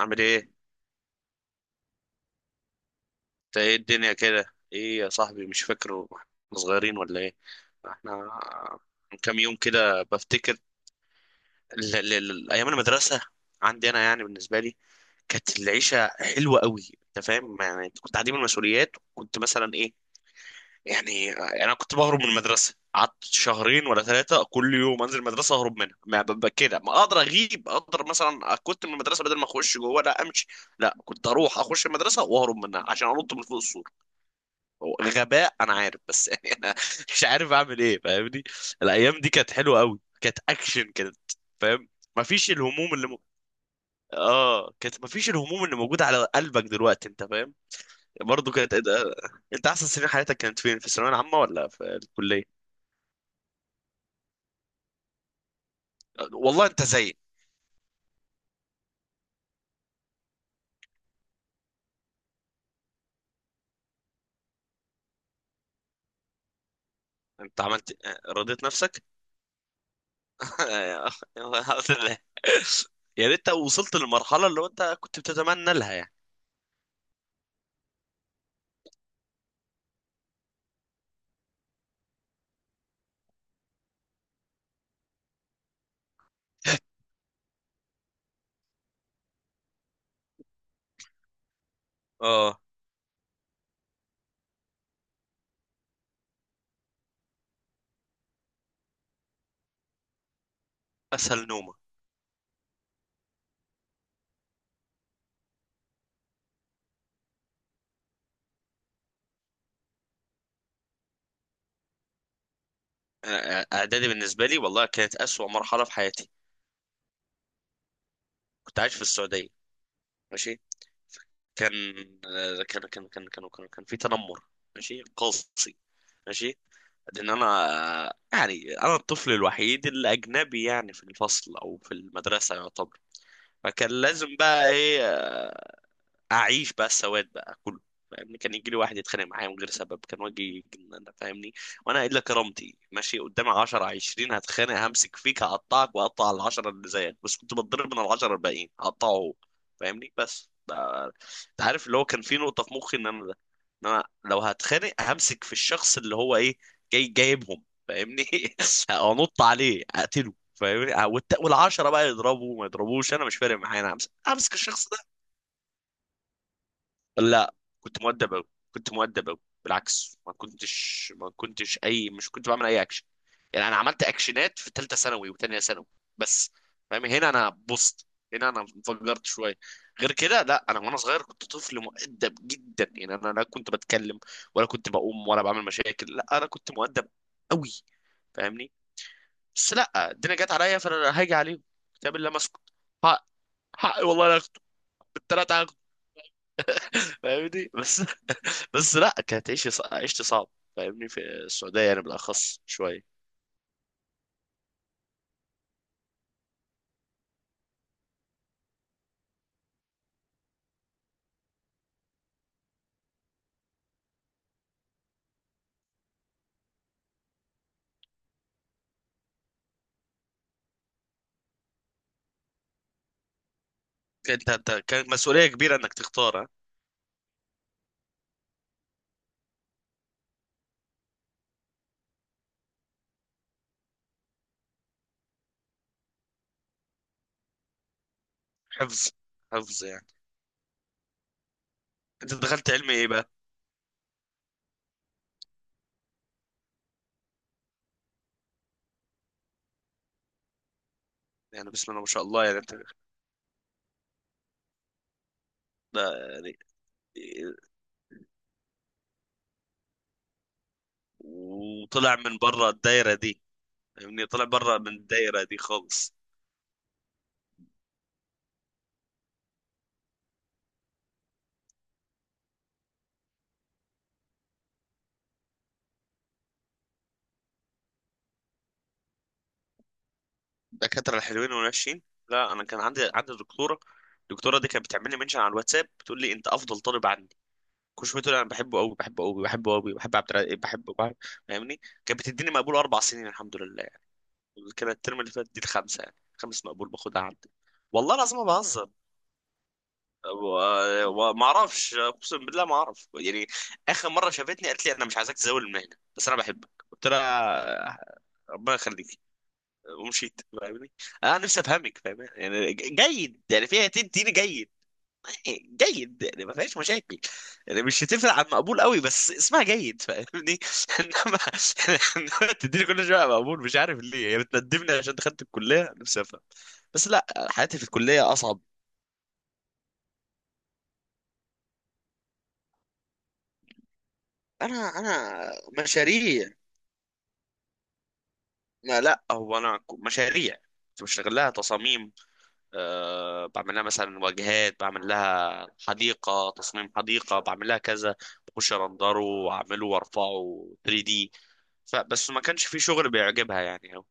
عامل ايه؟ انت، ايه الدنيا كده؟ ايه يا صاحبي؟ مش فاكره احنا صغيرين ولا ايه؟ احنا من كام يوم كده بفتكر ايام المدرسه. عندي انا يعني بالنسبه لي كانت العيشه حلوه قوي، انت فاهم يعني، انت كنت عديم المسؤوليات، كنت مثلا ايه. يعني انا كنت بهرب من المدرسه، قعدت شهرين ولا 3، كل يوم انزل المدرسه اهرب منها. ما كده ما اقدر اغيب، اقدر مثلا كنت من المدرسه بدل ما اخش جوه لا امشي. لا، كنت اروح اخش المدرسه واهرب منها عشان انط من فوق السور. هو غباء انا عارف، بس يعني انا مش عارف اعمل ايه فاهمني. الايام دي كانت حلوه قوي، كانت اكشن، كانت فاهم. مفيش الهموم اللي اه، كانت مفيش الهموم اللي موجوده على قلبك دلوقتي، انت فاهم. برضه كانت. انت احسن سنين حياتك كانت فين، في الثانويه العامه ولا في الكليه؟ آه، والله انت زي. انت عملت رضيت نفسك؟ الحمد لله. يا ريت وصلت للمرحله اللي هو انت كنت بتتمنى لها يعني. اه، اسهل نومه. آه، اعدادي بالنسبه لي والله كانت اسوأ مرحله في حياتي. كنت عايش في السعوديه. ماشي. كان آه، كان كان كان كان كان, كان في تنمر. ماشي، قاسي. ماشي. لان انا يعني انا الطفل الوحيد الاجنبي يعني في الفصل او في المدرسه يعتبر. فكان لازم بقى ايه اعيش بقى السواد بقى كله فاهمني. كان يجي لي واحد يتخانق معايا من غير سبب، كان واجي فاهمني. وانا الا كرامتي ماشي قدامي 10 20 هتخانق، همسك فيك هقطعك واقطع العشرة اللي زيك، بس كنت بتضرب من العشرة الباقيين هقطعه هو فاهمني. بس ده انت عارف اللي هو كان في نقطة في مخي ان انا ده، ان انا لو هتخانق همسك في الشخص اللي هو ايه جاي جايبهم فاهمني. انط عليه اقتله فاهمني، والعشرة بقى يضربوا ما يضربوش، انا مش فارق معايا، انا همسك الشخص. لا، كنت مؤدب أوي. كنت مؤدب أوي، بالعكس، ما كنتش أي، مش كنت بعمل أي أكشن. يعني أنا عملت أكشنات في تالتة ثانوي وتانية ثانوي بس. فاهم؟ هنا أنا بوست، هنا أنا انفجرت شوية. غير كده لا، أنا وأنا صغير كنت طفل مؤدب جدا، يعني أنا لا كنت بتكلم ولا كنت بقوم ولا بعمل مشاكل، لا أنا كنت مؤدب أوي فاهمني. بس لا، الدنيا جت عليا فأنا هاجي عليهم، كتاب الله ما أسكت. حق، حق والله أنا هاخده، بالتلاتة هاخده فاهمني بس. بس لا، كانت عيشتي صعب فاهمني، في السعودية يعني بالأخص شوية. انت كان مسؤولية كبيرة انك تختار، ها؟ حفظ، حفظ يعني. انت دخلت علمي ايه بقى؟ يعني بسم الله ما شاء الله، يعني انت ده يعني، وطلع من بره الدايرة دي فاهمني، طلع بره من الدايرة دي خالص. الدكاترة الحلوين والوحشين. لا، انا كان عندي دكتورة. الدكتورة دي كانت بتعمل لي منشن على الواتساب، بتقول لي انت افضل طالب. كشوفته انا بحبه قوي، بحبه قوي، بحبه قوي، بحب عبد الرقيق بحبه فاهمني. كانت بتديني مقبول 4 سنين، الحمد لله. كان الترم اللي فات دي الخمسه، يعني خمس مقبول باخدها عندي. والله العظيم ما بهزر، وما اعرفش، اقسم بالله ما اعرف يعني. اخر مره شافتني قالت لي انا مش عايزاك تزاول المهنه بس انا بحبك، قلت لها ربنا يخليك ومشيت فاهمني. انا نفسي افهمك فاهمني، يعني جيد يعني، فيها تديني جيد. جيد يعني ما فيهاش مشاكل، يعني مش هتفرق عن مقبول قوي بس اسمها جيد فاهمني. انما انما تديني كل شويه مقبول، مش عارف ليه، هي بتندمني عشان دخلت الكليه، نفسي افهم. بس لا، حياتي في الكليه اصعب. انا مشاريع. لا لا، هو انا مشاريع، كنت بشتغل لها تصاميم. أه، بعمل لها مثلا واجهات، بعمل لها حديقه، تصميم حديقه، بعمل لها كذا، بخش ارندره واعمله وارفعه 3D. فبس ما كانش في شغل بيعجبها يعني أوي.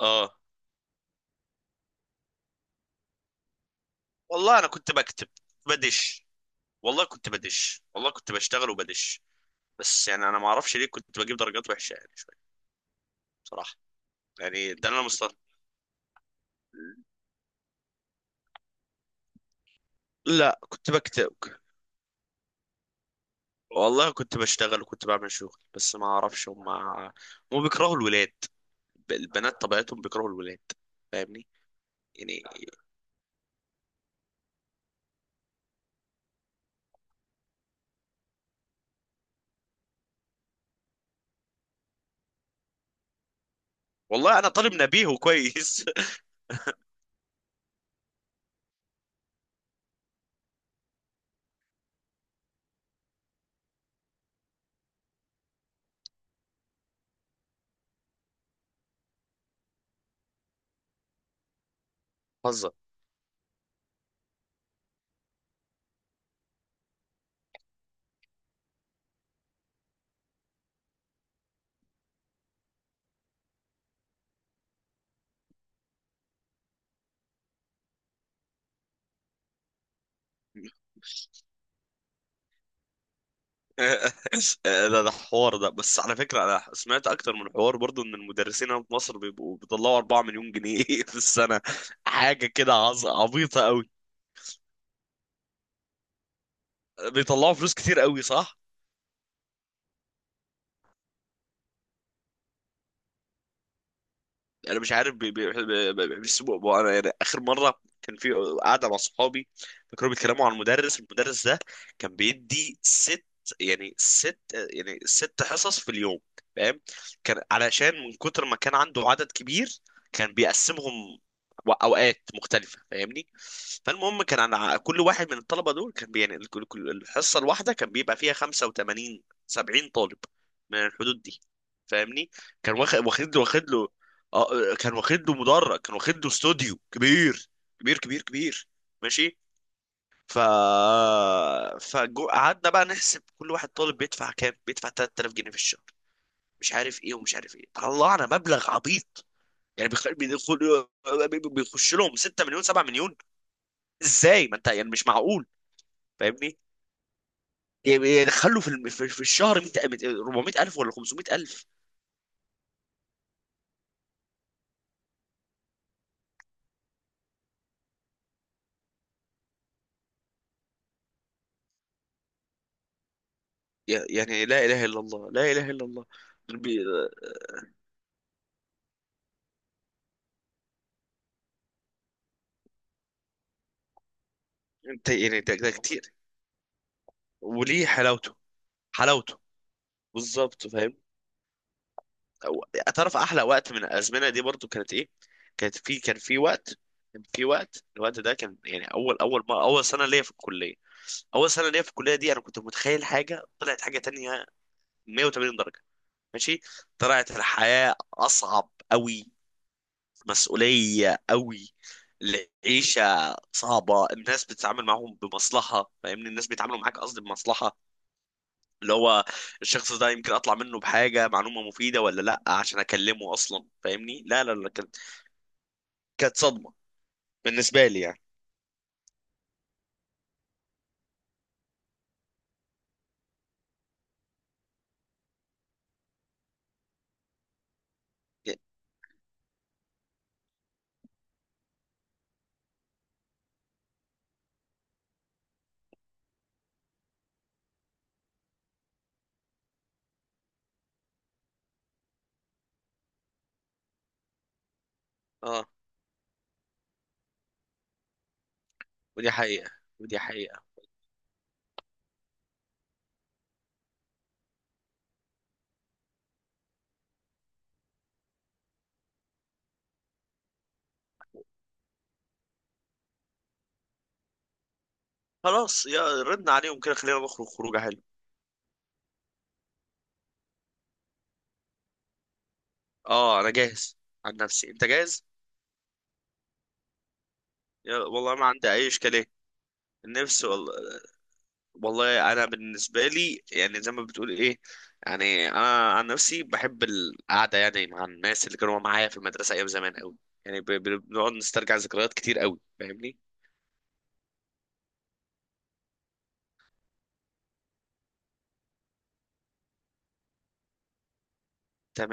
اه، والله انا كنت بكتب، بدش. والله كنت بدش، والله كنت بشتغل وبدش، بس يعني انا ما اعرفش ليه كنت بجيب درجات وحشه يعني شويه، بصراحه. يعني ده اللي انا مستغرب. لا، كنت بكتب، والله كنت بشتغل وكنت بعمل شغل، بس ما اعرفش هم. هم بيكرهوا الولاد، البنات طبيعتهم بيكرهوا الولاد فاهمني. يعني والله انا طالب نبيه وكويس. هزر. ده حوار. ده بس على فكرة أنا سمعت أكتر من حوار برضو إن المدرسين هنا في مصر بيبقوا بيطلعوا 4 مليون جنيه في السنة، حاجة كده عبيطة أوي. بيطلعوا فلوس كتير أوي، صح؟ انا مش عارف بيسموا انا يعني اخر مره كان في قاعده مع صحابي، فكانوا بيتكلموا عن المدرس ده، كان بيدي يعني ست 6 حصص في اليوم فاهم، كان علشان من كتر ما كان عنده عدد كبير كان بيقسمهم اوقات مختلفه فاهمني. فالمهم كان على كل واحد من الطلبه دول كان يعني الحصه الواحده كان بيبقى فيها 85 70 طالب، من الحدود دي فاهمني. كان واخد واخد له، اه كان واخد له مدرج، كان واخد له استوديو كبير، كبير كبير كبير. ماشي. ف فقعدنا بقى نحسب كل واحد طالب بيدفع كام، بيدفع 3000 جنيه في الشهر، مش عارف ايه ومش عارف ايه، طلعنا مبلغ عبيط. يعني بيدخل، بيخش لهم 6 مليون 7 مليون. ازاي، ما انت يعني مش معقول فاهمني. يعني يدخلوا في في الشهر 100، 400,000 ولا 500,000. يعني لا اله الا الله، لا اله الا الله. يعني انت يعني ده كتير، وليه حلاوته، حلاوته بالظبط فاهم. تعرف احلى وقت من الازمنه دي برضو كانت ايه؟ كانت في كان في وقت كان في وقت الوقت ده، كان يعني اول اول ما اول سنه ليا في الكليه، اول سنه ليا في الكليه دي انا كنت متخيل حاجه، طلعت حاجه تانية 180 درجه. ماشي. طلعت الحياه اصعب قوي، مسؤوليه قوي، العيشه صعبه، الناس بتتعامل معاهم بمصلحه فاهمني، الناس بيتعاملوا معاك، قصدي بمصلحه، اللي هو الشخص ده يمكن اطلع منه بحاجه معلومه مفيده ولا لا عشان اكلمه اصلا فاهمني. لا لا لا، كانت، كانت صدمه بالنسبه لي يعني. اه، ودي حقيقه، ودي حقيقه. خلاص يا ردنا عليهم كده، خلينا نخرج خروجه حلوه. اه انا جاهز. عن نفسي، انت جاهز؟ يا والله ما عندي اي اشكاليه، نفسي والله. والله انا بالنسبه لي يعني زي ما بتقول ايه، يعني انا عن نفسي بحب القعده يعني مع الناس اللي كانوا معايا في المدرسه ايام زمان قوي، يعني بنقعد نسترجع ذكريات كتير قوي فاهمني. تمام.